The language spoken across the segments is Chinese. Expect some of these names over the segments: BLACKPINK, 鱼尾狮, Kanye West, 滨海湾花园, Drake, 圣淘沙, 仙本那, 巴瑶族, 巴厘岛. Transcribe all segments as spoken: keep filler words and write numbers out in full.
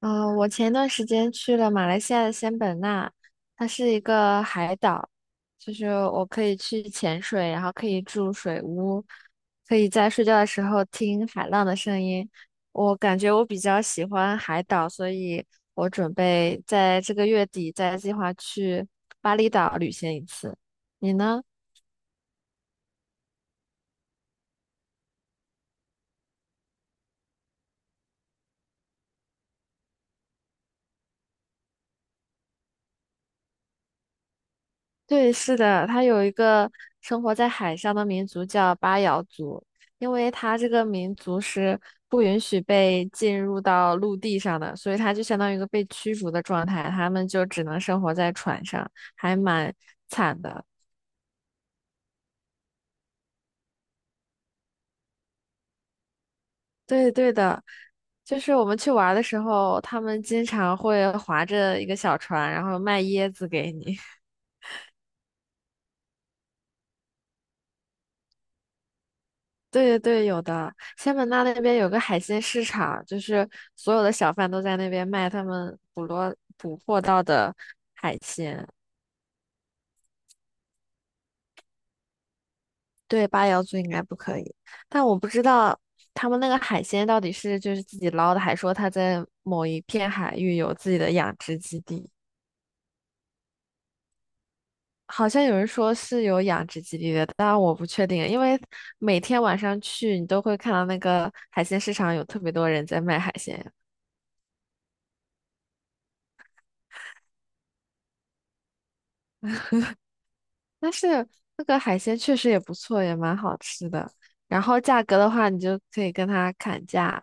嗯、呃我前段时间去了马来西亚的仙本那，它是一个海岛，就是我可以去潜水，然后可以住水屋，可以在睡觉的时候听海浪的声音。我感觉我比较喜欢海岛，所以我准备在这个月底再计划去巴厘岛旅行一次。你呢？对，是的，它有一个生活在海上的民族叫巴瑶族，因为它这个民族是不允许被进入到陆地上的，所以它就相当于一个被驱逐的状态，他们就只能生活在船上，还蛮惨的。对对的，就是我们去玩儿的时候，他们经常会划着一个小船，然后卖椰子给你。对对对，有的。仙本那那边有个海鲜市场，就是所有的小贩都在那边卖他们捕罗捕获到的海鲜。对，八瑶族应该不可以，但我不知道他们那个海鲜到底是就是自己捞的，还说他在某一片海域有自己的养殖基地。好像有人说是有养殖基地的，但我不确定，因为每天晚上去你都会看到那个海鲜市场有特别多人在卖海鲜。但是那个海鲜确实也不错，也蛮好吃的。然后价格的话，你就可以跟他砍价。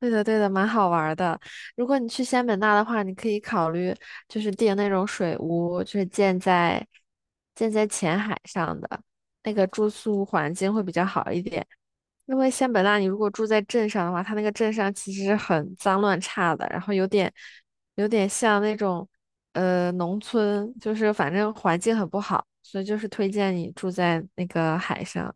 对的，对的，蛮好玩儿的。如果你去仙本那的话，你可以考虑就是订那种水屋，就是建在建在浅海上的那个住宿环境会比较好一点。因为仙本那你如果住在镇上的话，它那个镇上其实很脏乱差的，然后有点有点像那种呃农村，就是反正环境很不好，所以就是推荐你住在那个海上。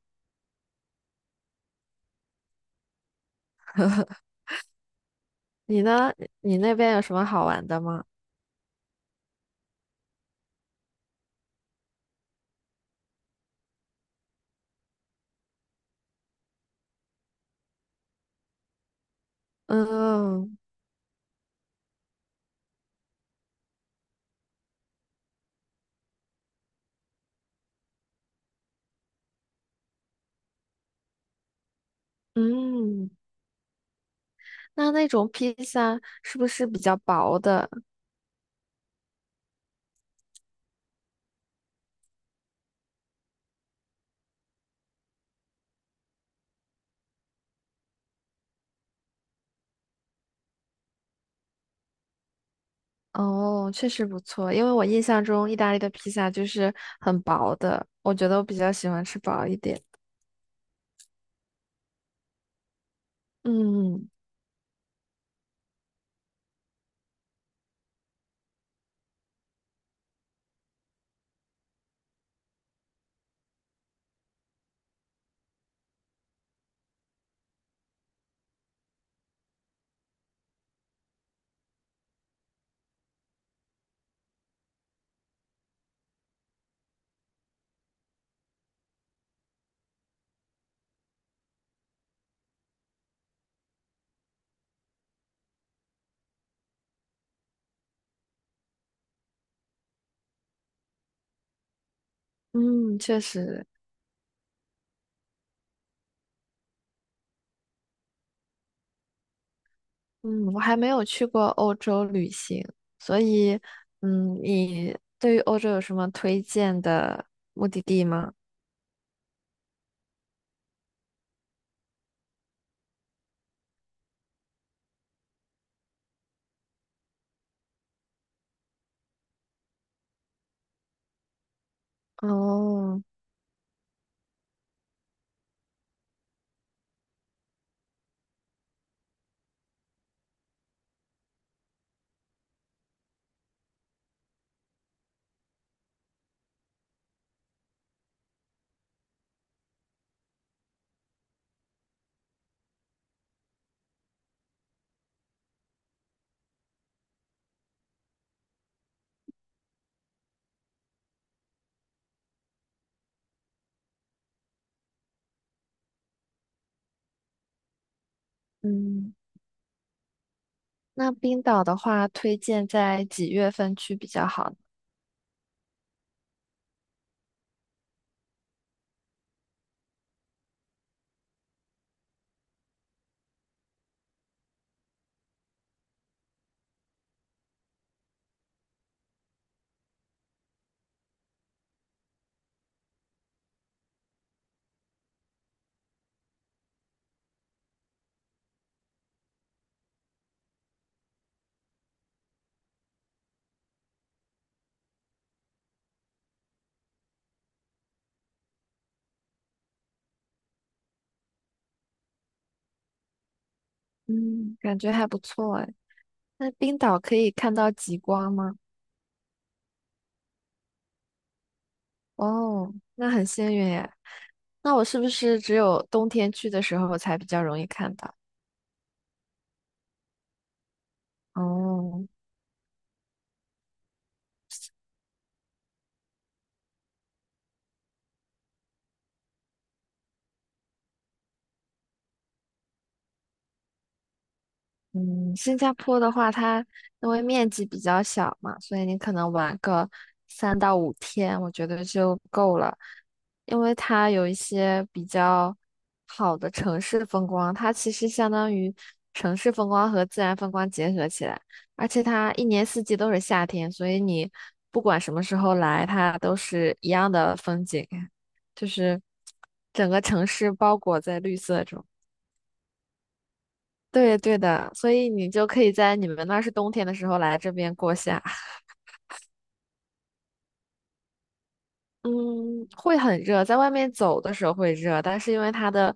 你呢？你那边有什么好玩的吗？嗯嗯，那那种披萨是不是比较薄的？哦，确实不错，因为我印象中意大利的披萨就是很薄的，我觉得我比较喜欢吃薄一点。嗯。嗯，确实，嗯，我还没有去过欧洲旅行，所以，嗯，你对于欧洲有什么推荐的目的地吗？哦，嗯，那冰岛的话，推荐在几月份去比较好呢？嗯，感觉还不错哎。那冰岛可以看到极光吗？哦，那很幸运哎。那我是不是只有冬天去的时候才比较容易看到？哦。嗯，新加坡的话，它因为面积比较小嘛，所以你可能玩个三到五天，我觉得就够了。因为它有一些比较好的城市风光，它其实相当于城市风光和自然风光结合起来，而且它一年四季都是夏天，所以你不管什么时候来，它都是一样的风景，就是整个城市包裹在绿色中。对对的，所以你就可以在你们那儿是冬天的时候来这边过夏。嗯，会很热，在外面走的时候会热，但是因为它的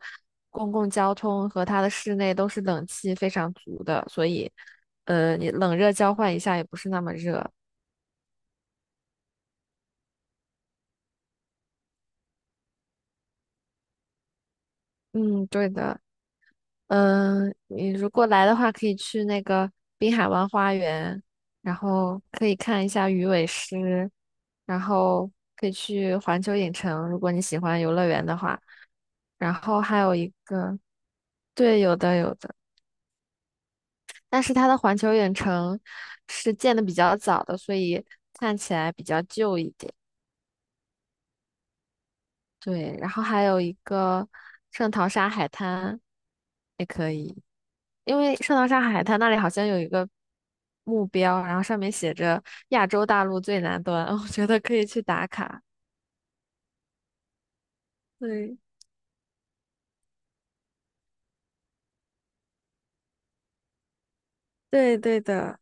公共交通和它的室内都是冷气非常足的，所以呃，你冷热交换一下也不是那么热。嗯，对的。嗯，你如果来的话，可以去那个滨海湾花园，然后可以看一下鱼尾狮，然后可以去环球影城，如果你喜欢游乐园的话。然后还有一个，对，有的有的，但是它的环球影城是建的比较早的，所以看起来比较旧一点。对，然后还有一个圣淘沙海滩。因为圣淘沙海滩那里好像有一个目标，然后上面写着亚洲大陆最南端，我觉得可以去打卡。对，对对的，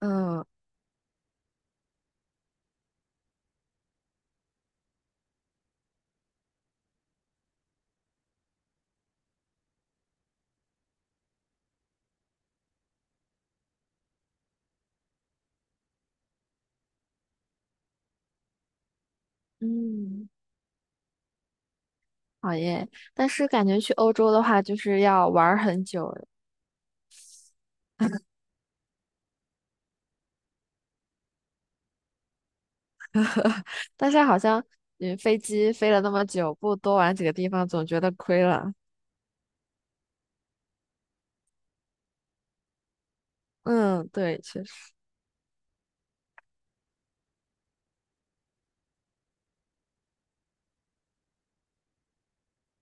嗯嗯，好耶！但是感觉去欧洲的话，就是要玩儿很久，但是好像嗯飞机飞了那么久，不多玩几个地方，总觉得亏了。嗯，对，确实，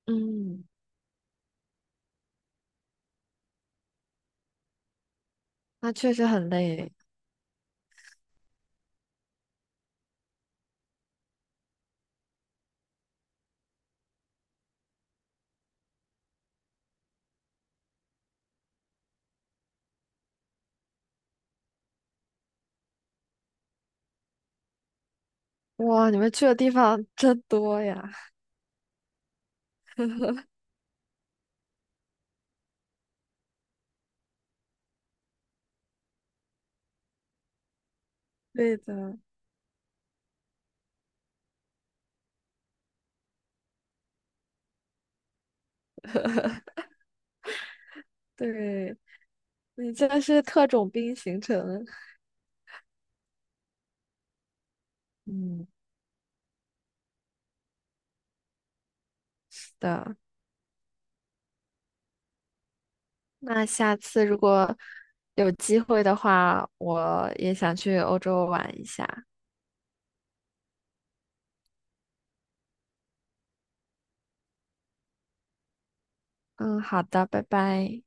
嗯，那确实很累。哇，你们去的地方真多呀！对的，对。你这是特种兵行程。嗯，是的。那下次如果有机会的话，我也想去欧洲玩一下。嗯，好的，拜拜。